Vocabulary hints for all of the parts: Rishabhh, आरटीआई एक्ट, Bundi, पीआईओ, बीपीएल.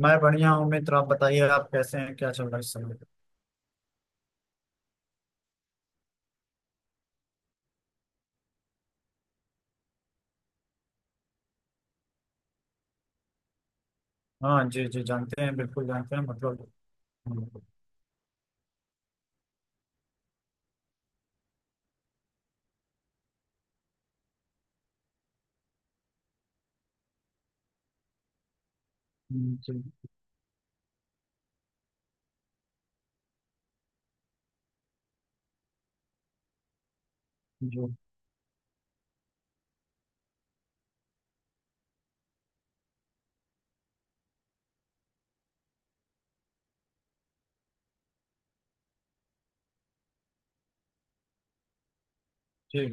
मैं बढ़िया हूँ मित्र। आप बताइए, आप कैसे हैं? क्या चल रहा है इस समय? हाँ जी जी, जानते हैं, बिल्कुल जानते हैं, मतलब। हम्म। जी जी जी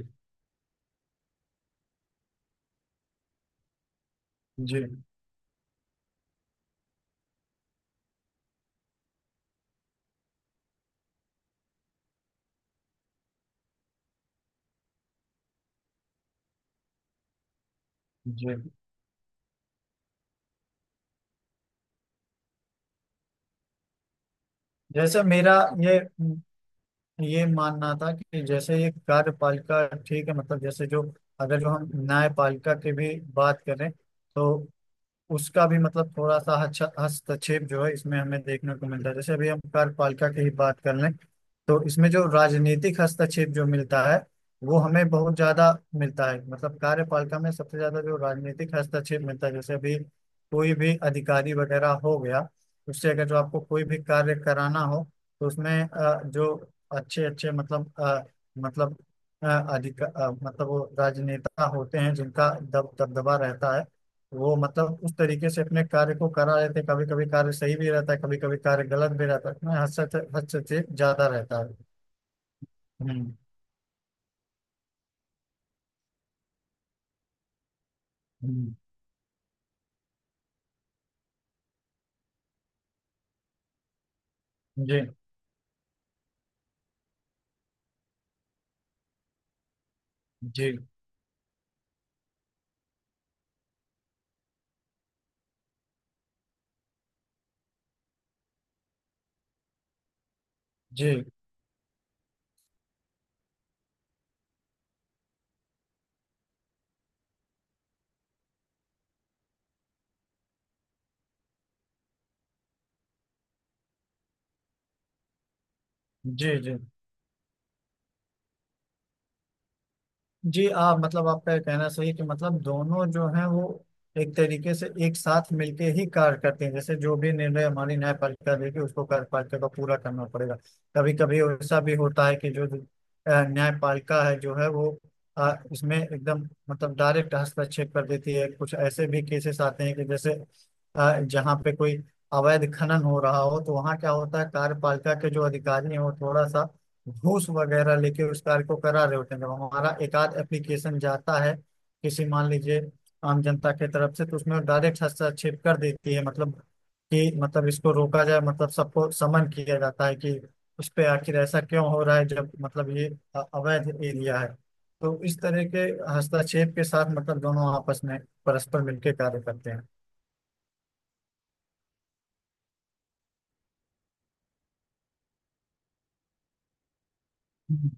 जी जी। जैसे मेरा ये ये मानना था कि जैसे ये कार्यपालिका ठीक है, मतलब जैसे जो, अगर जो हम न्यायपालिका की भी बात करें तो उसका भी मतलब थोड़ा सा हस्तक्षेप जो है इसमें हमें देखने को मिलता है। जैसे अभी हम कार्यपालिका की ही बात कर लें तो इसमें जो राजनीतिक हस्तक्षेप जो मिलता है वो हमें बहुत ज्यादा मिलता है। मतलब कार्यपालिका में सबसे ज्यादा जो राजनीतिक हस्तक्षेप मिलता है जैसे अभी कोई भी अधिकारी वगैरह हो गया उससे अगर जो आपको कोई भी कार्य कराना हो तो उसमें जो अच्छे अच्छे मतलब मतलब अधिक मतलब वो राजनेता होते हैं जिनका दब दबदबा रहता है। वो मतलब उस तरीके से अपने कार्य को करा लेते हैं। कभी कभी कार्य सही भी रहता है, कभी कभी कार्य गलत भी रहता है, उसमें हद से ज्यादा रहता है। हम्म। हम्म। जी जी जी जी जी जी। आप मतलब आपका ये कहना सही है कि मतलब दोनों जो हैं वो एक तरीके से एक साथ मिलके ही कार्य करते हैं। जैसे जो भी निर्णय हमारी न्यायपालिका देगी उसको कार्यपालिका को पूरा करना पड़ेगा। कभी कभी ऐसा भी होता है कि जो न्यायपालिका है जो है वो इसमें एकदम मतलब डायरेक्ट हस्तक्षेप कर देती है। कुछ ऐसे भी केसेस आते हैं कि जैसे जहाँ पे कोई अवैध खनन हो रहा हो तो वहाँ क्या होता है कार्यपालिका के जो अधिकारी हैं वो थोड़ा सा घूस वगैरह लेके उस कार्य को करा रहे होते हैं। जब हमारा एक आध एप्लीकेशन जाता है किसी मान लीजिए आम जनता के तरफ से तो उसमें डायरेक्ट हस्तक्षेप कर देती है मतलब कि मतलब इसको रोका जाए, मतलब सबको समन किया जाता है कि उस पे आखिर ऐसा क्यों हो रहा है, जब मतलब ये अवैध एरिया है। तो इस तरह के हस्तक्षेप के साथ मतलब दोनों आपस में परस्पर मिलकर कार्य करते हैं। हम्म।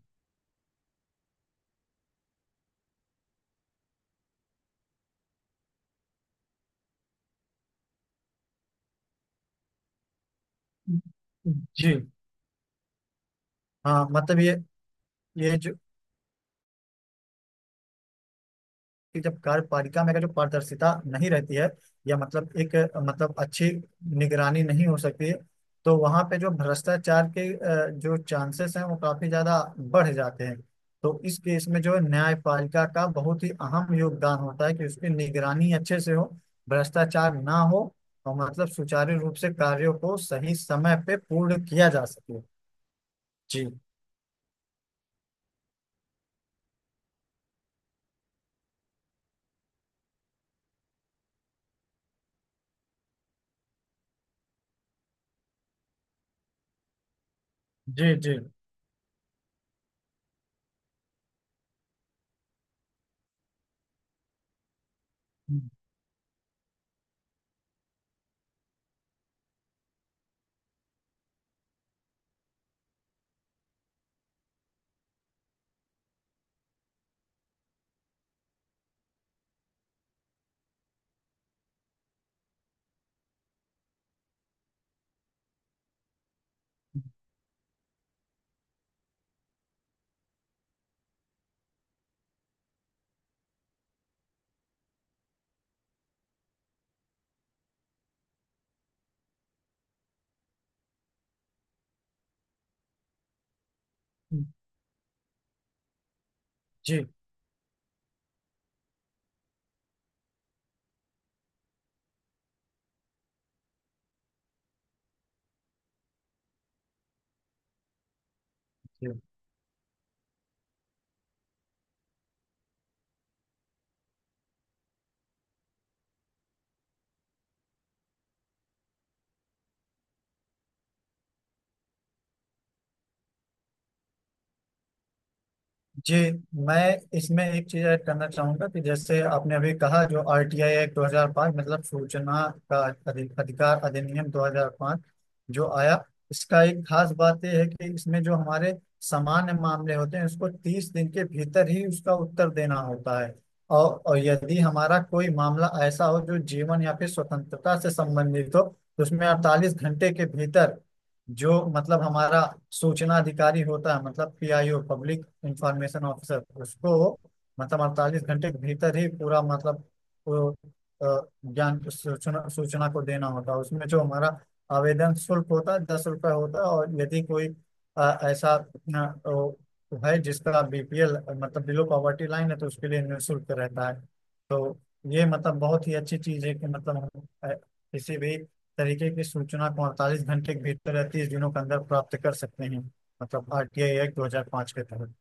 जी। हाँ, मतलब ये जो कि जब कार्यपालिका में अगर जो पारदर्शिता नहीं रहती है या मतलब एक मतलब अच्छी निगरानी नहीं हो सकती है, तो वहां पे जो भ्रष्टाचार के जो चांसेस हैं वो काफी ज्यादा बढ़ जाते हैं। तो इस केस में जो है, न्यायपालिका का बहुत ही अहम योगदान होता है कि उसकी निगरानी अच्छे से हो, भ्रष्टाचार ना हो और मतलब सुचारू रूप से कार्यों को सही समय पे पूर्ण किया जा सके। जी जी जी जी जी जी। मैं इसमें एक चीज ऐड करना चाहूंगा कि जैसे आपने अभी कहा जो आरटीआई एक्ट 2005, मतलब सूचना का अधिकार अधिनियम 2005 जो आया, इसका एक खास बात यह है कि इसमें जो हमारे सामान्य मामले होते हैं उसको तीस दिन के भीतर ही उसका उत्तर देना होता है। और यदि हमारा कोई मामला ऐसा हो जो जीवन या फिर स्वतंत्रता से संबंधित हो तो उसमें अड़तालीस घंटे के भीतर जो मतलब हमारा सूचना अधिकारी होता है, मतलब पीआईओ पब्लिक इंफॉर्मेशन ऑफिसर, उसको मतलब अड़तालीस घंटे के भीतर ही पूरा मतलब वो ज्ञान सूचना सूचना को देना होता है। उसमें जो हमारा आवेदन शुल्क होता है दस रुपये होता है। और यदि कोई ऐसा वो है जिसका बीपीएल मतलब बिलो पॉवर्टी लाइन है तो उसके लिए निःशुल्क रहता है। तो ये मतलब बहुत ही अच्छी चीज है कि मतलब हम किसी भी तरीके की सूचना को अड़तालीस घंटे के भीतर या तीस दिनों के अंदर प्राप्त कर सकते हैं, मतलब आरटीआई एक्ट दो हजार पाँच के तहत।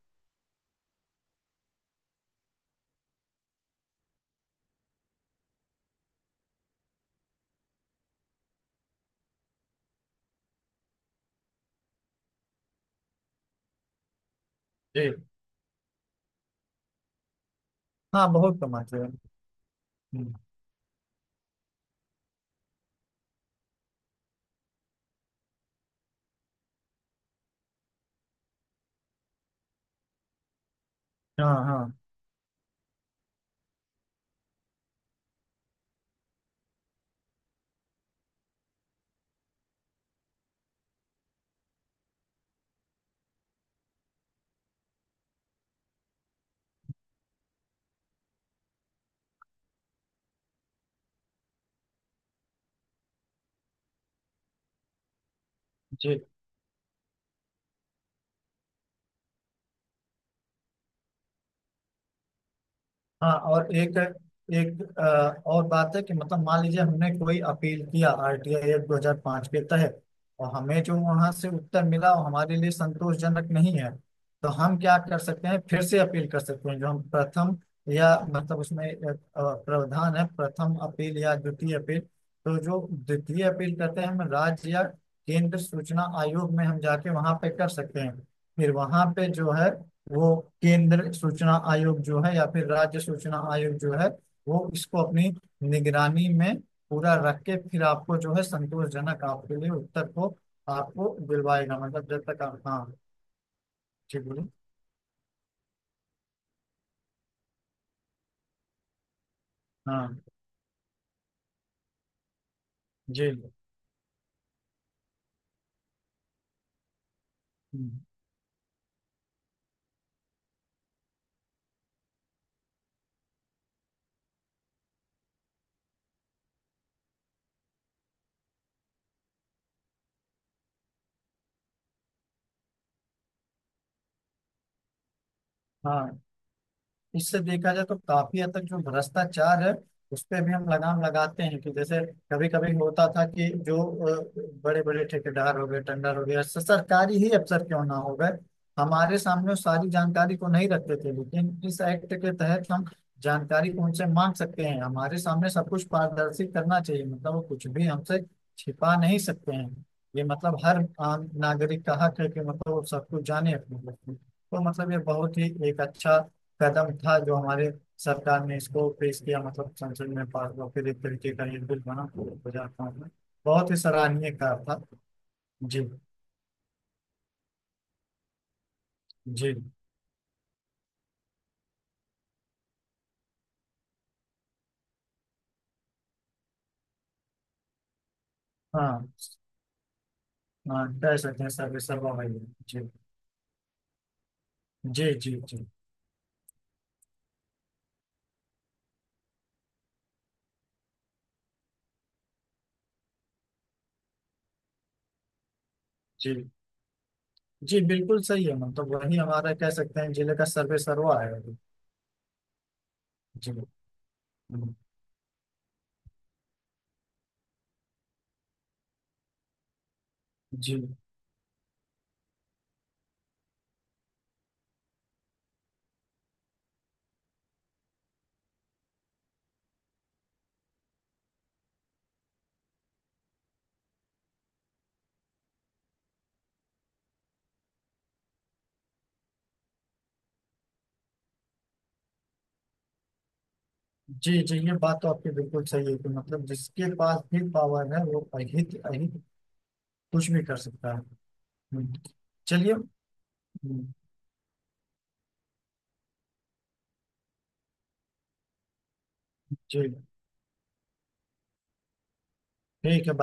जी। हाँ बहुत कमाते हैं। हम्म। हाँ हाँ। हाँ और एक एक और बात है कि मतलब मान लीजिए हमने कोई अपील किया आरटीआई एक्ट 2005 के तहत और हमें जो वहां से उत्तर मिला वो हमारे लिए संतोषजनक नहीं है, तो हम क्या कर सकते हैं? फिर से अपील कर सकते हैं। जो हम प्रथम या मतलब उसमें एक, अ, प्रावधान है प्रथम अपील या द्वितीय अपील। तो जो द्वितीय अपील करते हैं हम राज्य या केंद्र सूचना आयोग में हम जाके वहां पे कर सकते हैं। फिर वहां पे जो है वो केंद्र सूचना आयोग जो है या फिर राज्य सूचना आयोग जो है वो इसको अपनी निगरानी में पूरा रख के फिर आपको जो है संतोषजनक आपके लिए उत्तर को आपको दिलवाएगा, मतलब जब तक आप। हाँ। ठीक बोलिए। हाँ। जी। हम्म। हाँ, इससे देखा जाए तो काफी हद तक जो भ्रष्टाचार है उस पे भी हम लगाम लगाते हैं कि जैसे कभी कभी होता था कि जो बड़े बड़े ठेकेदार हो गए टेंडर हो गए सरकारी ही अफसर क्यों ना हो गए हमारे सामने वो सारी जानकारी को नहीं रखते थे, लेकिन इस एक्ट के तहत हम जानकारी को उनसे मांग सकते हैं। हमारे सामने सब कुछ पारदर्शी करना चाहिए, मतलब वो कुछ भी हमसे छिपा नहीं सकते हैं। ये मतलब हर आम नागरिक का हक है कि मतलब वो सब कुछ जाने अपने बारे में। तो मतलब ये बहुत ही एक अच्छा कदम था जो हमारे सरकार ने इसको पेश किया, मतलब संसद में पास हुआ, फिर एक तरीके का ये बिल बना गुजरात में। बहुत ही सराहनीय कार्य था। जी। जी। हाँ हाँ कह सकते हैं, सर्वे सर्वा भाई है। जी जी जी जी जी जी बिल्कुल सही है, मतलब वही हमारा कह सकते हैं जिले का सर्वे सर्वा है अभी। जी। हम्म। जी जी जी ये बात तो आपकी बिल्कुल सही है कि मतलब जिसके पास भी पावर है वो अहित अहित कुछ भी कर सकता है। हम्म। चलिए। हम्म। जी। ठीक है।